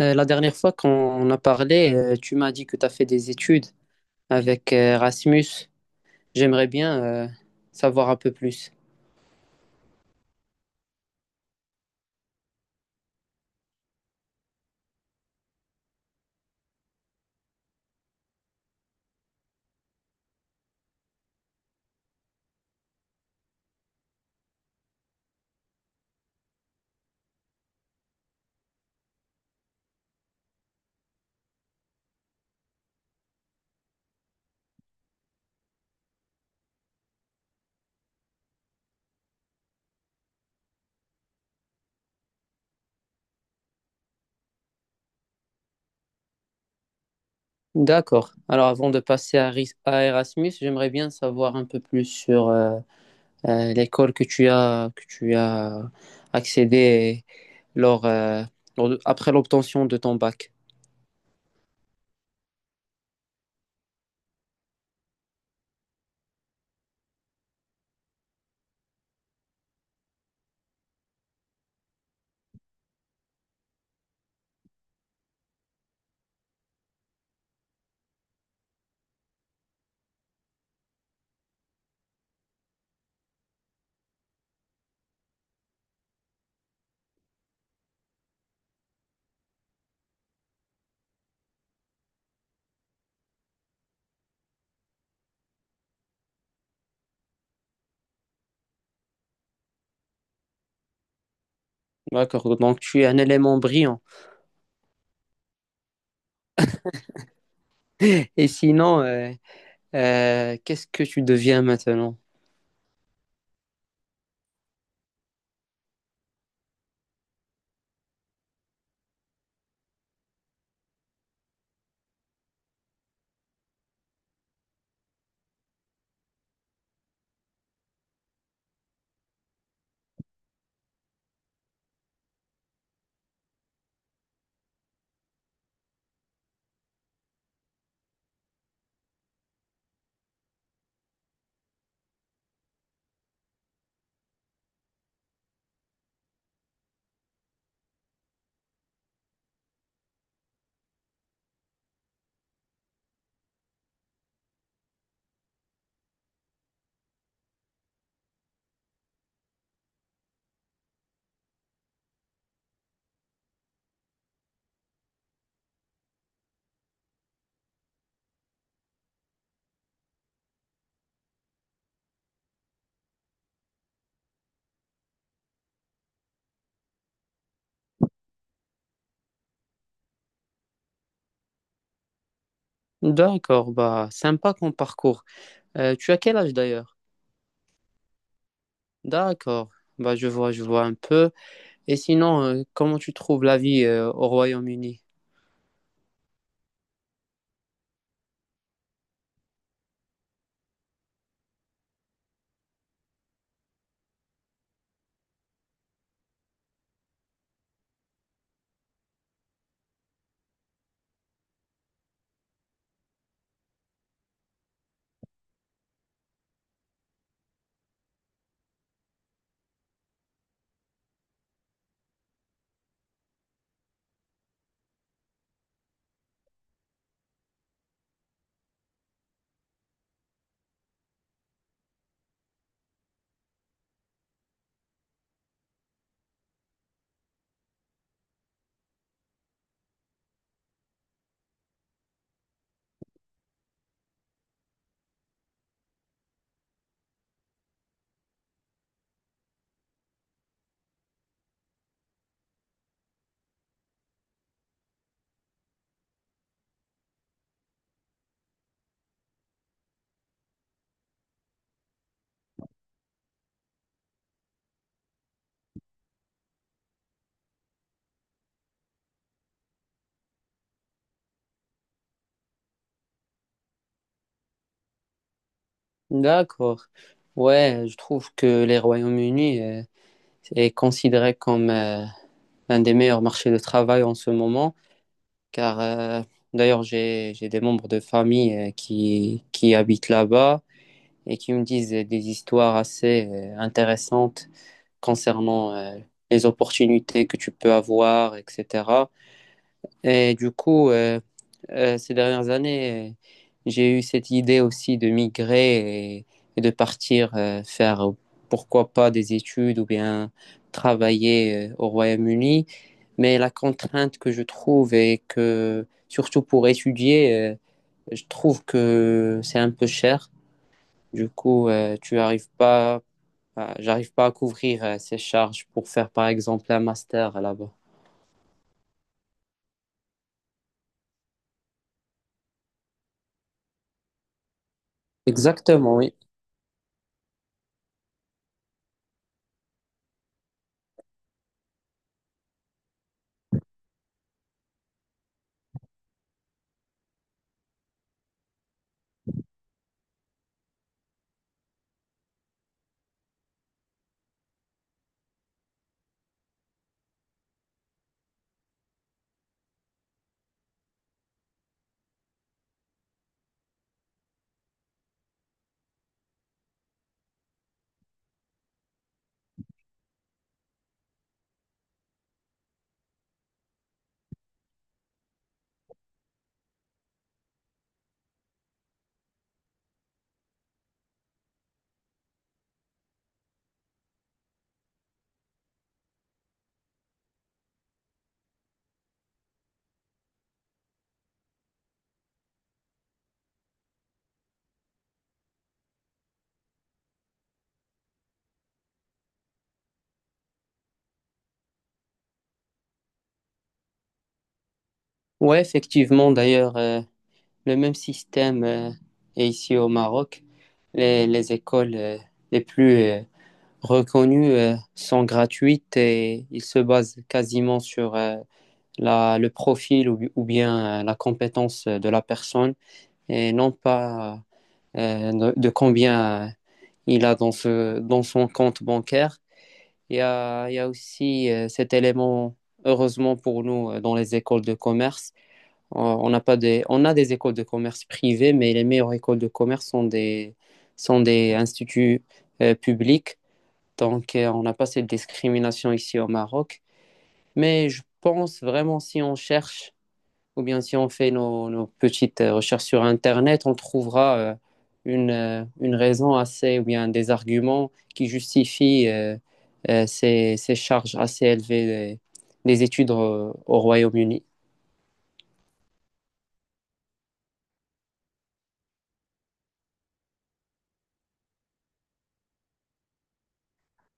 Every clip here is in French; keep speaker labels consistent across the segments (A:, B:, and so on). A: La dernière fois qu'on a parlé, tu m'as dit que tu as fait des études avec Rasmus. J'aimerais bien savoir un peu plus. D'accord. Alors avant de passer à, à Erasmus, j'aimerais bien savoir un peu plus sur l'école que tu as accédé lors, euh, après l'obtention de ton bac. D'accord. Donc tu es un élément brillant. Et sinon, qu'est-ce que tu deviens maintenant? D'accord, bah sympa comme parcours. Tu as quel âge d'ailleurs? D'accord. Bah, je vois un peu. Et sinon, comment tu trouves la vie au Royaume-Uni? D'accord. Ouais, je trouve que les Royaume-Uni est considéré comme l'un des meilleurs marchés de travail en ce moment, car d'ailleurs j'ai des membres de famille qui habitent là-bas et qui me disent des histoires assez intéressantes concernant les opportunités que tu peux avoir, etc. Et du coup, ces dernières années, j'ai eu cette idée aussi de migrer et de partir faire, pourquoi pas, des études ou bien travailler au Royaume-Uni. Mais la contrainte que je trouve est que, surtout pour étudier, je trouve que c'est un peu cher. Du coup, tu n'arrives pas j'arrive pas à couvrir ces charges pour faire, par exemple, un master là-bas. Exactement, oui. Ouais, effectivement, d'ailleurs, le même système est ici au Maroc. Les écoles les plus reconnues sont gratuites et ils se basent quasiment sur la, le profil ou bien la compétence de la personne et non pas de combien il a dans ce, dans son compte bancaire. Il y a aussi cet élément, heureusement pour nous, dans les écoles de commerce. On n'a pas des, on a des écoles de commerce privées, mais les meilleures écoles de commerce sont des instituts publics. Donc, on n'a pas cette discrimination ici au Maroc. Mais je pense vraiment, si on cherche ou bien si on fait nos, nos petites recherches sur Internet, on trouvera une raison assez, ou bien des arguments qui justifient ces, ces charges assez élevées des études au Royaume-Uni.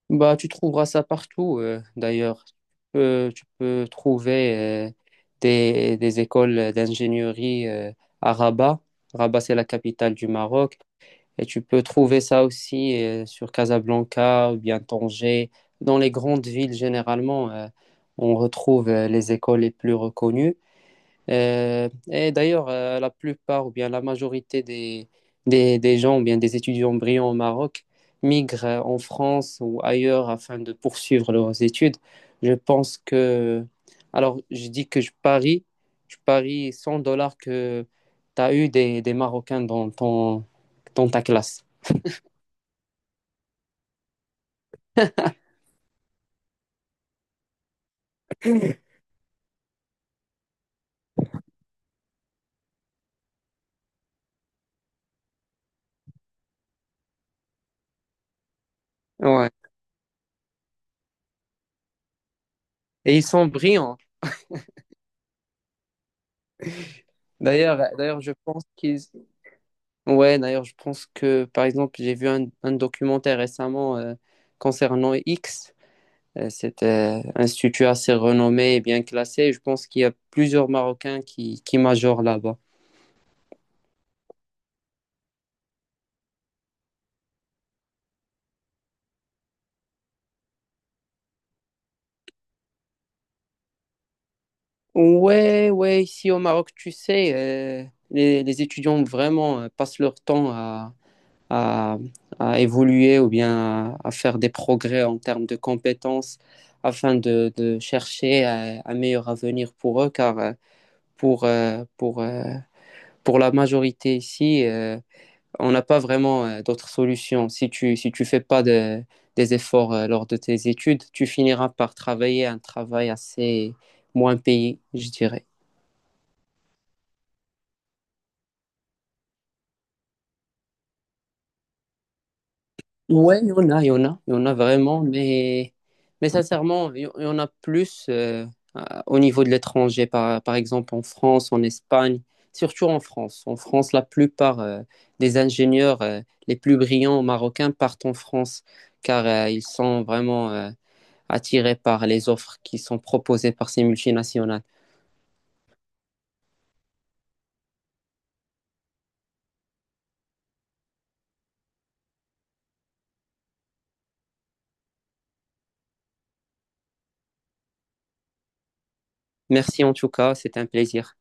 A: Bah, tu trouveras ça partout, d'ailleurs. Tu peux trouver des écoles d'ingénierie à Rabat. Rabat, c'est la capitale du Maroc. Et tu peux trouver ça aussi sur Casablanca ou bien Tanger. Dans les grandes villes, généralement, on retrouve les écoles les plus reconnues. Et d'ailleurs, la plupart ou bien la majorité des gens ou bien des étudiants brillants au Maroc migrent en France ou ailleurs afin de poursuivre leurs études. Je pense que... Alors, je dis que je parie 100 dollars que tu as eu des Marocains dans ton, dans ta classe. Ouais. Et ils sont brillants. D'ailleurs, d'ailleurs, je pense qu'ils. Ouais, d'ailleurs, je pense que, par exemple, j'ai vu un documentaire récemment concernant X. C'est un institut assez renommé et bien classé. Je pense qu'il y a plusieurs Marocains qui majorent là-bas. Ouais, ouais, ici au Maroc, tu sais, les étudiants vraiment passent leur temps à à, à évoluer ou bien à faire des progrès en termes de compétences afin de chercher un meilleur avenir pour eux, car pour, euh, pour, euh, pour la majorité ici, on n'a pas vraiment d'autres solutions. Si tu, si tu fais pas de, des efforts lors de tes études, tu finiras par travailler un travail assez moins payé, je dirais. Ouais, il y en a, il y en a, il y en a vraiment, mais sincèrement, il y en a plus au niveau de l'étranger, par, par exemple en France, en Espagne, surtout en France. En France, la plupart des ingénieurs les plus brillants marocains partent en France, car ils sont vraiment attirés par les offres qui sont proposées par ces multinationales. Merci en tout cas, c'était un plaisir.